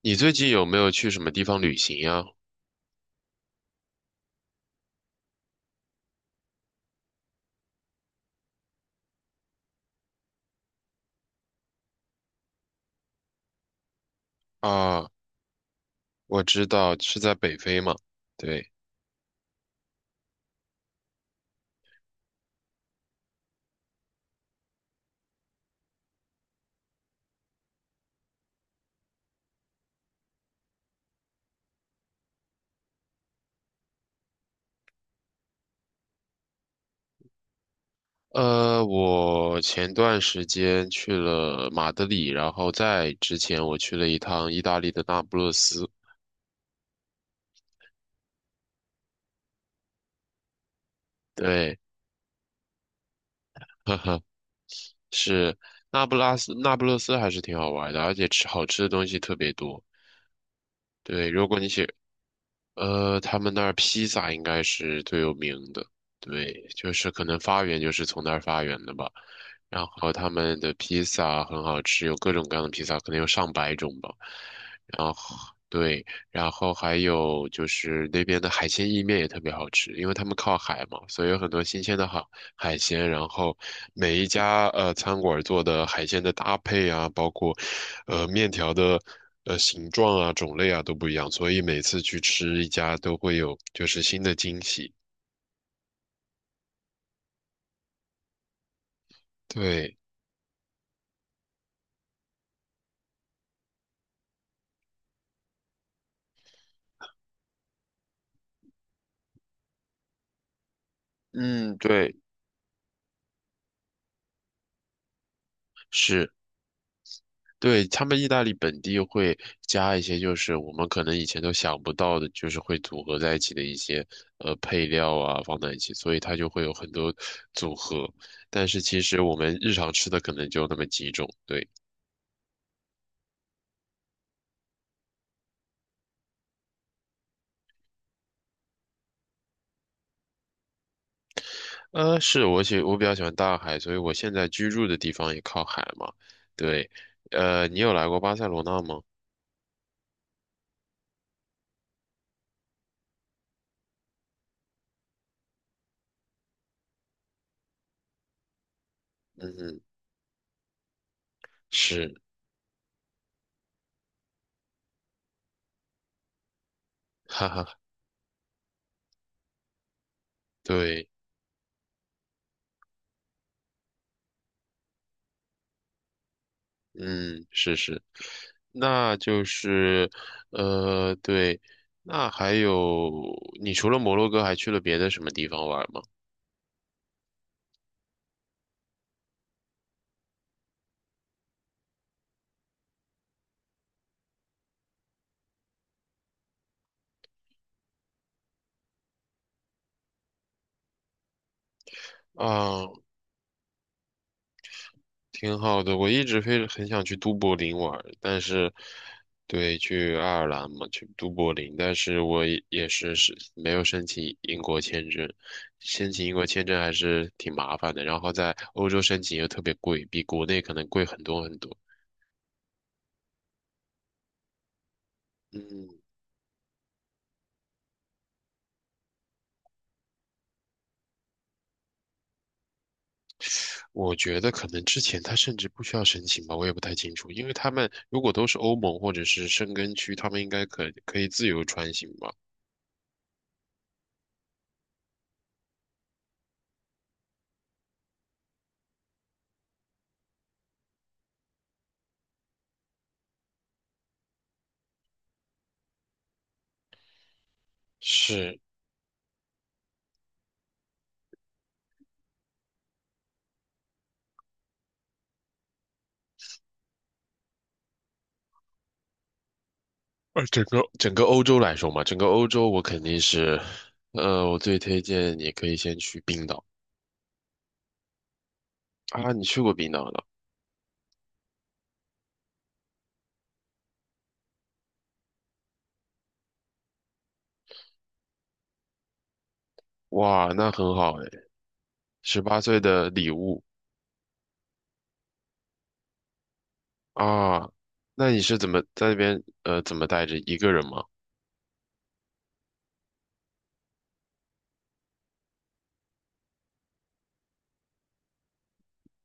你最近有没有去什么地方旅行呀？啊，我知道是在北非嘛。对，我前段时间去了马德里，然后在之前我去了一趟意大利的那不勒斯。对，呵呵，是那不勒斯还是挺好玩的，而且吃好吃的东西特别多。对，如果你喜呃，他们那儿披萨应该是最有名的，对，就是可能发源就是从那儿发源的吧。然后他们的披萨很好吃，有各种各样的披萨，可能有上百种吧。然后对，然后还有就是那边的海鲜意面也特别好吃，因为他们靠海嘛，所以有很多新鲜的海鲜。然后每一家餐馆做的海鲜的搭配啊，包括面条的形状啊、种类啊都不一样，所以每次去吃一家都会有就是新的惊喜。对，嗯，对，是。对，他们意大利本地会加一些，就是我们可能以前都想不到的，就是会组合在一起的一些配料啊，放在一起，所以它就会有很多组合。但是其实我们日常吃的可能就那么几种。对，我比较喜欢大海，所以我现在居住的地方也靠海嘛。对，你有来过巴塞罗那吗？嗯哼，是，哈哈，对。嗯，是是，那就是，对，那还有，你除了摩洛哥还去了别的什么地方玩吗？啊，挺好的，我一直非很想去都柏林玩，但是，对，去爱尔兰嘛，去都柏林，但是我也是没有申请英国签证，申请英国签证还是挺麻烦的，然后在欧洲申请又特别贵，比国内可能贵很多很多。嗯。我觉得可能之前他甚至不需要申请吧，我也不太清楚，因为他们如果都是欧盟或者是申根区，他们应该可以自由穿行吧？是，整个欧洲来说嘛，整个欧洲我肯定是，我最推荐你可以先去冰岛啊，你去过冰岛了？哇，那很好哎，18岁的礼物啊，那你是怎么在那边呃怎么带着一个人吗？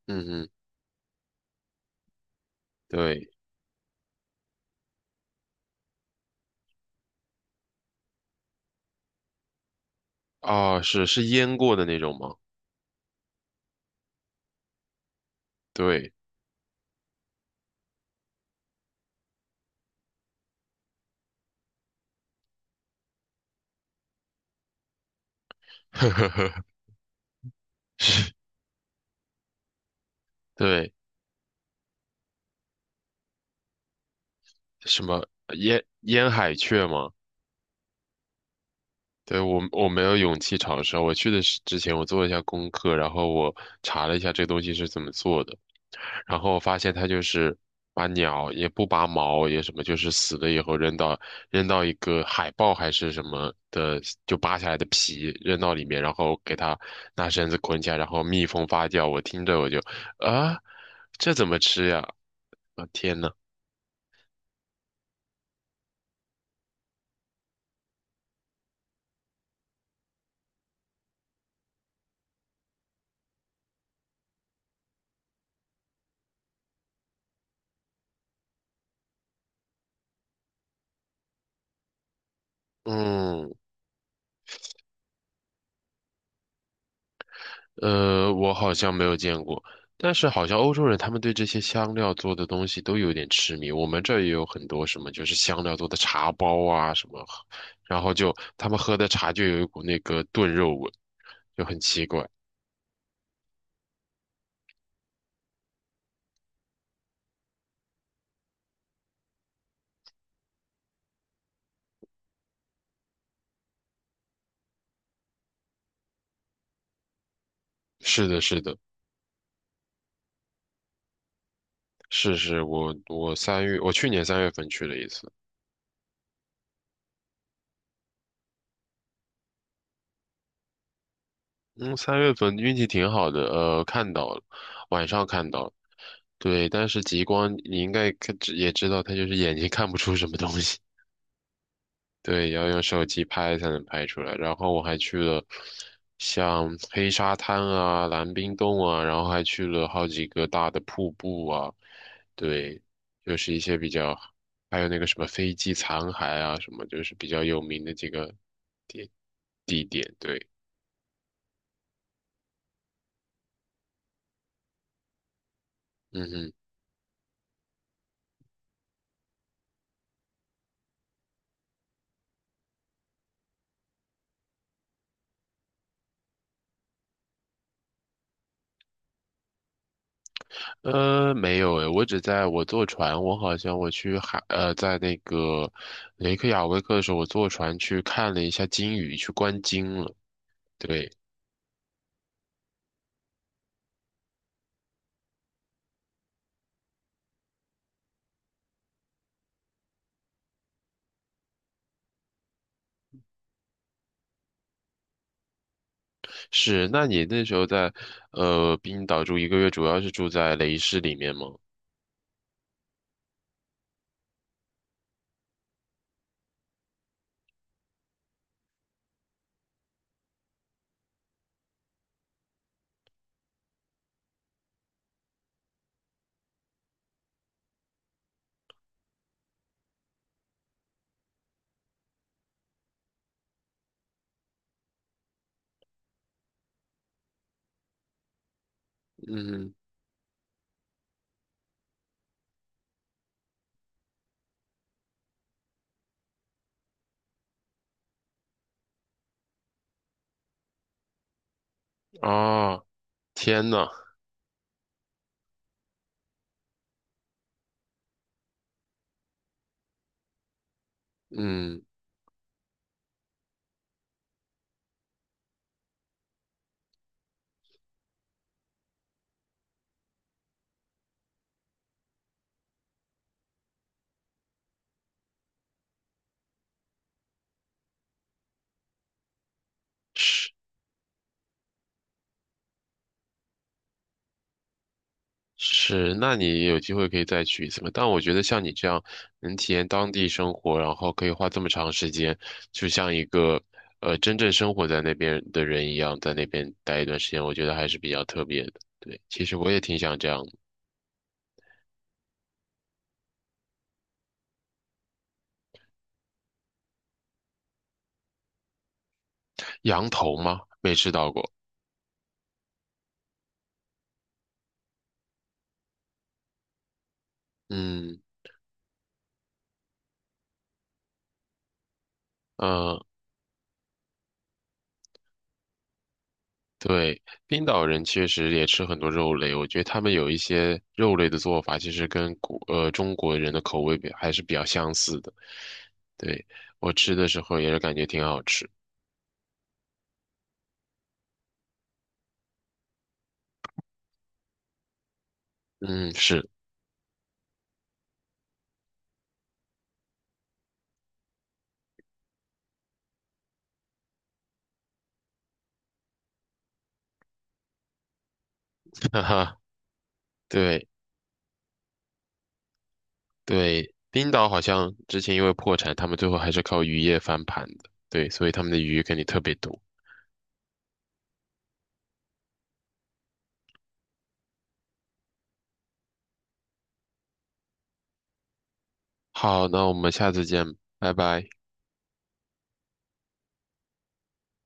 嗯嗯，对啊，是腌过的那种吗？对。呵呵呵，对，什么烟海雀吗？对，我没有勇气尝试。我去的是之前，我做了一下功课，然后我查了一下这东西是怎么做的，然后我发现它就是把鸟也不拔毛也什么，就是死了以后扔到一个海豹还是什么的，就扒下来的皮扔到里面，然后给它拿绳子捆起来，然后密封发酵。我听着我就啊，这怎么吃呀？啊天呐，嗯。我好像没有见过，但是好像欧洲人他们对这些香料做的东西都有点痴迷。我们这儿也有很多什么，就是香料做的茶包啊什么，然后就他们喝的茶就有一股那个炖肉味，就很奇怪。是的，是的，是是，我去年三月份去了一次，嗯，三月份运气挺好的，看到了，晚上看到了对，但是极光你应该看也知道，它就是眼睛看不出什么东西。对，要用手机拍才能拍出来。然后我还去了像黑沙滩啊、蓝冰洞啊，然后还去了好几个大的瀑布啊。对，就是一些比较，还有那个什么飞机残骸啊，什么就是比较有名的几个地地点。对，嗯嗯没有诶，我只在我坐船，我好像我去海，在那个雷克雅未克的时候，我坐船去看了一下鲸鱼，去观鲸了。对。是，那你那时候在冰岛住一个月，主要是住在雷士里面吗？嗯，啊，天呐，嗯，是是，那你有机会可以再去一次嘛？但我觉得像你这样能体验当地生活，然后可以花这么长时间，就像一个真正生活在那边的人一样，在那边待一段时间，我觉得还是比较特别的。对，其实我也挺想这样的羊头吗？没吃到过。嗯。嗯，对，冰岛人确实也吃很多肉类，我觉得他们有一些肉类的做法，其实跟中国人的口味比还是比较相似的。对，我吃的时候也是感觉挺好吃。嗯，是，哈哈，对对，冰岛好像之前因为破产，他们最后还是靠渔业翻盘的。对，所以他们的鱼肯定特别多。好，那我们下次见，拜拜。